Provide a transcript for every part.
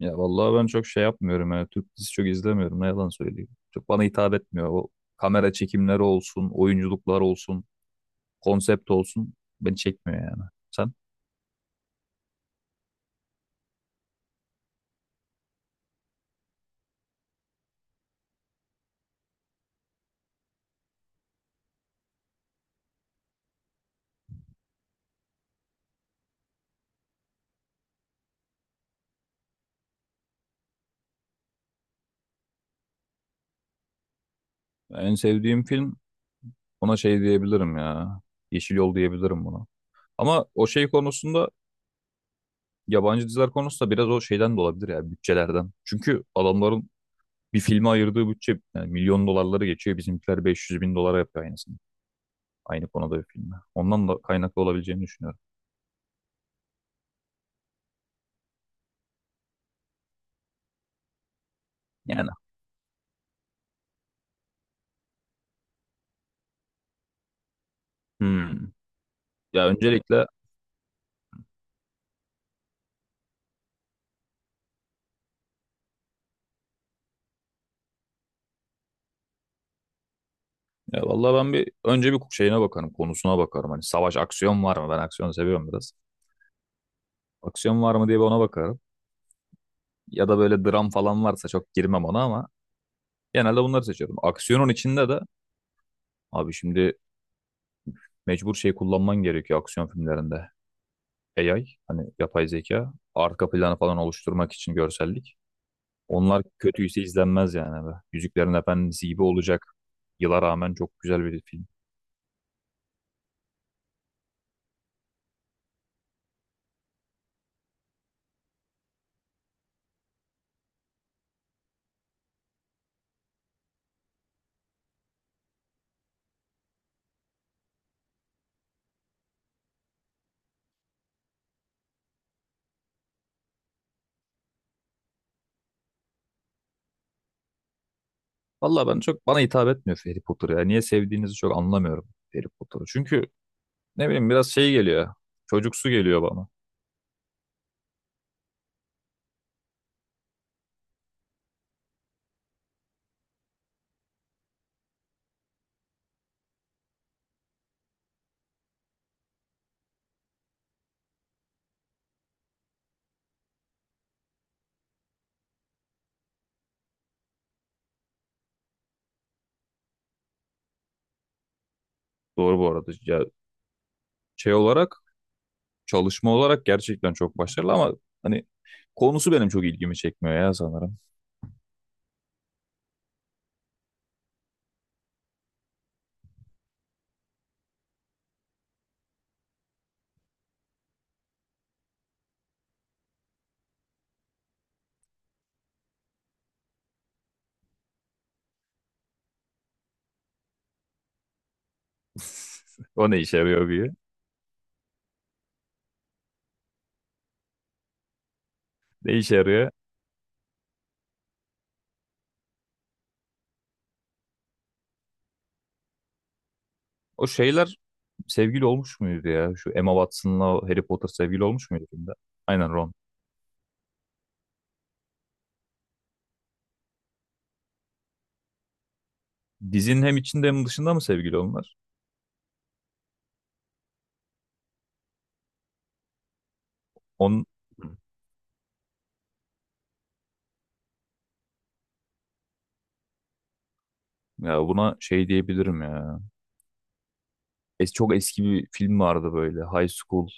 Ya vallahi ben çok şey yapmıyorum yani Türk dizisi çok izlemiyorum ne yalan söyleyeyim. Çok bana hitap etmiyor. O kamera çekimleri olsun, oyunculuklar olsun, konsept olsun beni çekmiyor yani. Sen? En sevdiğim film ona şey diyebilirim ya. Yeşil Yol diyebilirim buna. Ama o şey konusunda yabancı diziler konusunda biraz o şeyden de olabilir ya bütçelerden. Çünkü adamların bir filme ayırdığı bütçe yani milyon dolarları geçiyor. Bizimkiler 500.000 dolara yapıyor aynısını. Aynı konuda bir filme. Ondan da kaynaklı olabileceğini düşünüyorum. Yani. Hmm. Ya öncelikle ya vallahi ben bir önce bir şeyine bakarım, konusuna bakarım. Hani savaş aksiyon var mı? Ben aksiyonu seviyorum biraz. Aksiyon var mı diye bir ona bakarım. Ya da böyle dram falan varsa çok girmem ona ama genelde bunları seçiyorum. Aksiyonun içinde de abi şimdi mecbur şey kullanman gerekiyor aksiyon filmlerinde. AI hani yapay zeka arka planı falan oluşturmak için görsellik. Onlar kötüyse izlenmez yani. Böyle Yüzüklerin Efendisi gibi olacak. Yıla rağmen çok güzel bir film. Vallahi ben çok bana hitap etmiyor Harry Potter ya. Niye sevdiğinizi çok anlamıyorum Harry Potter'ı. Çünkü ne bileyim biraz şey geliyor. Çocuksu geliyor bana. Doğru bu arada. Ya şey olarak çalışma olarak gerçekten çok başarılı ama hani konusu benim çok ilgimi çekmiyor ya sanırım. O ne işe yarıyor bir? Ne işe yarıyor? O şeyler sevgili olmuş muydu ya? Şu Emma Watson'la o Harry Potter sevgili olmuş muydu filmde? Aynen Ron. Dizinin hem içinde hem dışında mı sevgili onlar? On ya buna şey diyebilirim ya. Es çok eski bir film vardı böyle. High School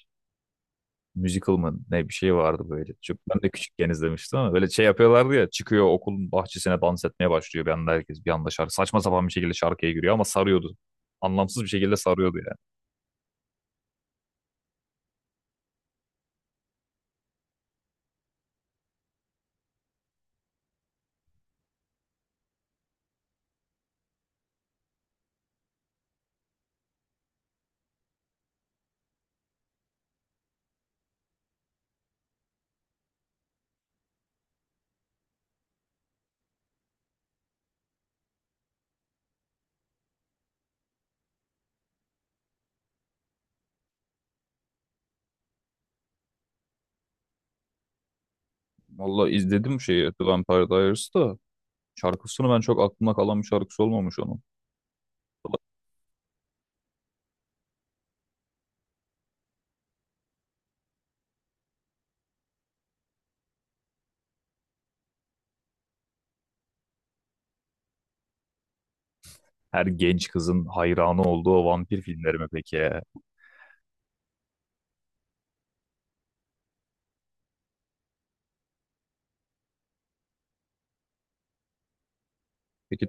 Musical mı ne bir şey vardı böyle. Ben de küçükken izlemiştim ama böyle şey yapıyorlardı ya. Çıkıyor okulun bahçesine dans etmeye başlıyor. Bir anda herkes bir anda şarkı. Saçma sapan bir şekilde şarkıya giriyor ama sarıyordu. Anlamsız bir şekilde sarıyordu yani. Valla izledim şeyi The Vampire Diaries da. Şarkısını ben çok aklımda kalan bir şarkısı olmamış onun. Her genç kızın hayranı olduğu o vampir filmleri mi peki ya? Peki,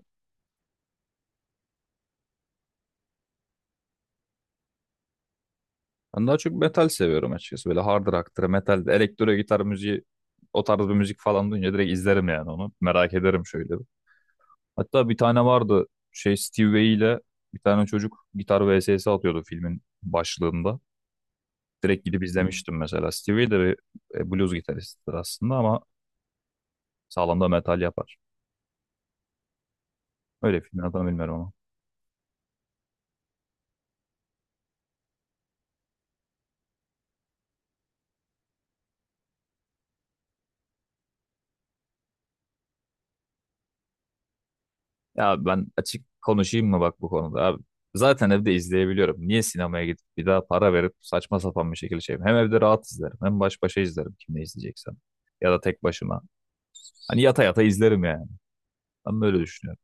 ben daha çok metal seviyorum açıkçası. Böyle hard rock'tır, metal, elektro gitar müziği o tarz bir müzik falan duyunca direkt izlerim yani onu. Merak ederim şöyle. Bir. Hatta bir tane vardı şey Steve Vai ile bir tane çocuk gitar vs atıyordu filmin başlığında. Direkt gidip izlemiştim mesela. Steve Vai de bir blues gitaristidir aslında ama sağlam da metal yapar. Öyle filmin adını bilmiyorum ama. Ya ben açık konuşayım mı bak bu konuda abi. Zaten evde izleyebiliyorum. Niye sinemaya gidip bir daha para verip saçma sapan bir şekilde şeyim. Hem evde rahat izlerim hem baş başa izlerim kimle izleyeceksem. Ya da tek başıma. Hani yata yata izlerim yani. Ben böyle düşünüyorum.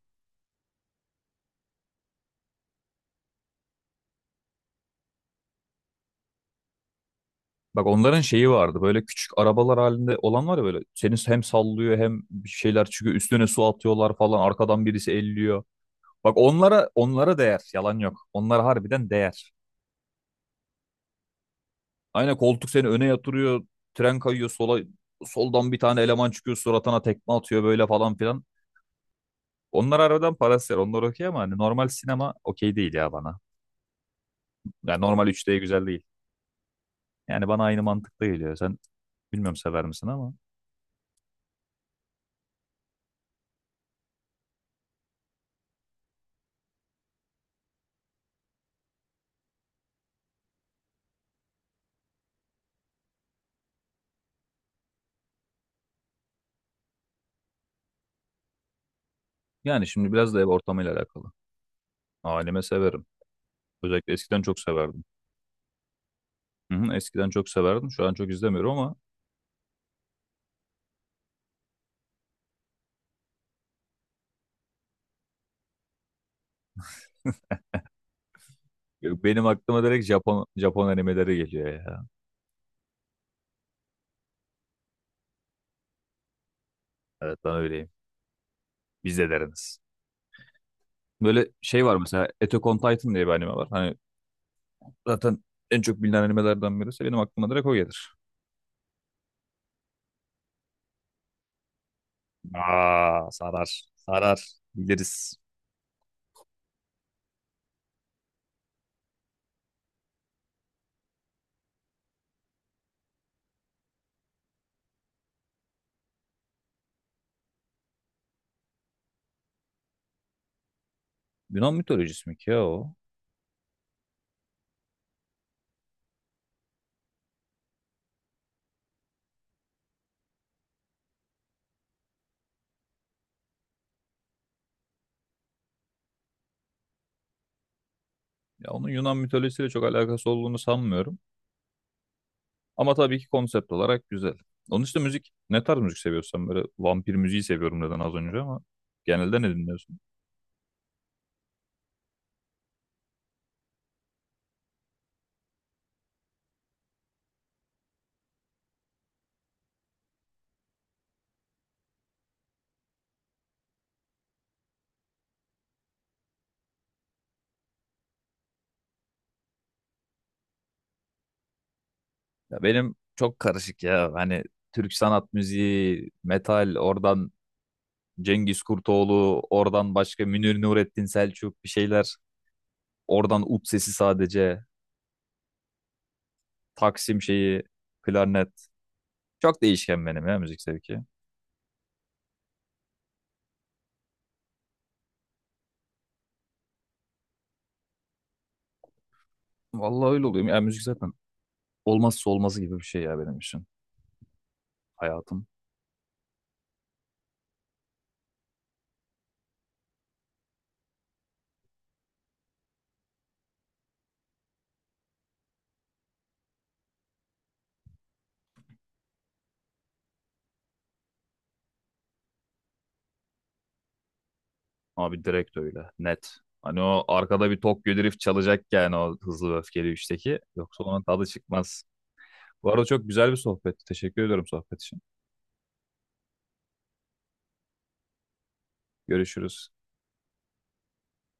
Bak onların şeyi vardı böyle küçük arabalar halinde olan var ya böyle. Seni hem sallıyor hem bir şeyler çıkıyor üstüne su atıyorlar falan arkadan birisi elliyor. Bak onlara değer yalan yok. Onlara harbiden değer. Aynen koltuk seni öne yatırıyor. Tren kayıyor sola. Soldan bir tane eleman çıkıyor suratına tekme atıyor böyle falan filan. Onlar aradan paralel. Onlar okey ama hani normal sinema okey değil ya bana. Yani normal 3D güzel değil. Yani bana aynı mantıkta geliyor. Sen bilmiyorum sever misin ama. Yani şimdi biraz da ev ortamıyla alakalı. Aileme severim. Özellikle eskiden çok severdim. Hı hı, eskiden çok severdim. Şu an çok izlemiyorum ama benim aklıma direkt Japon animeleri geliyor ya. Evet ben öyleyim. Biz de deriniz. Böyle şey var mesela Attack on Titan diye bir anime var. Hani zaten en çok bilinen animelerden birisi. Benim aklıma direkt o gelir. Aa, sarar. Sarar. Biliriz. Yunan mitolojisi mi ki ya o? Ya onun Yunan mitolojisiyle çok alakası olduğunu sanmıyorum. Ama tabii ki konsept olarak güzel. Onun işte müzik, ne tarz müzik seviyorsan böyle vampir müziği seviyorum dedin az önce ama genelde ne dinliyorsun? Ya benim çok karışık ya. Hani Türk sanat müziği, metal, oradan Cengiz Kurtoğlu, oradan başka Münir Nurettin Selçuk bir şeyler. Oradan ut sesi sadece. Taksim şeyi, klarnet. Çok değişken benim ya müzik zevki. Vallahi öyle oluyor. Yani müzik zaten olmazsa olmazı gibi bir şey ya benim için. Hayatım. Abi direkt öyle. Net. Hani o arkada bir Tokyo Drift çalacak yani o hızlı ve öfkeli üçteki. Yoksa onun tadı çıkmaz. Bu arada çok güzel bir sohbetti. Teşekkür ediyorum sohbet için. Görüşürüz.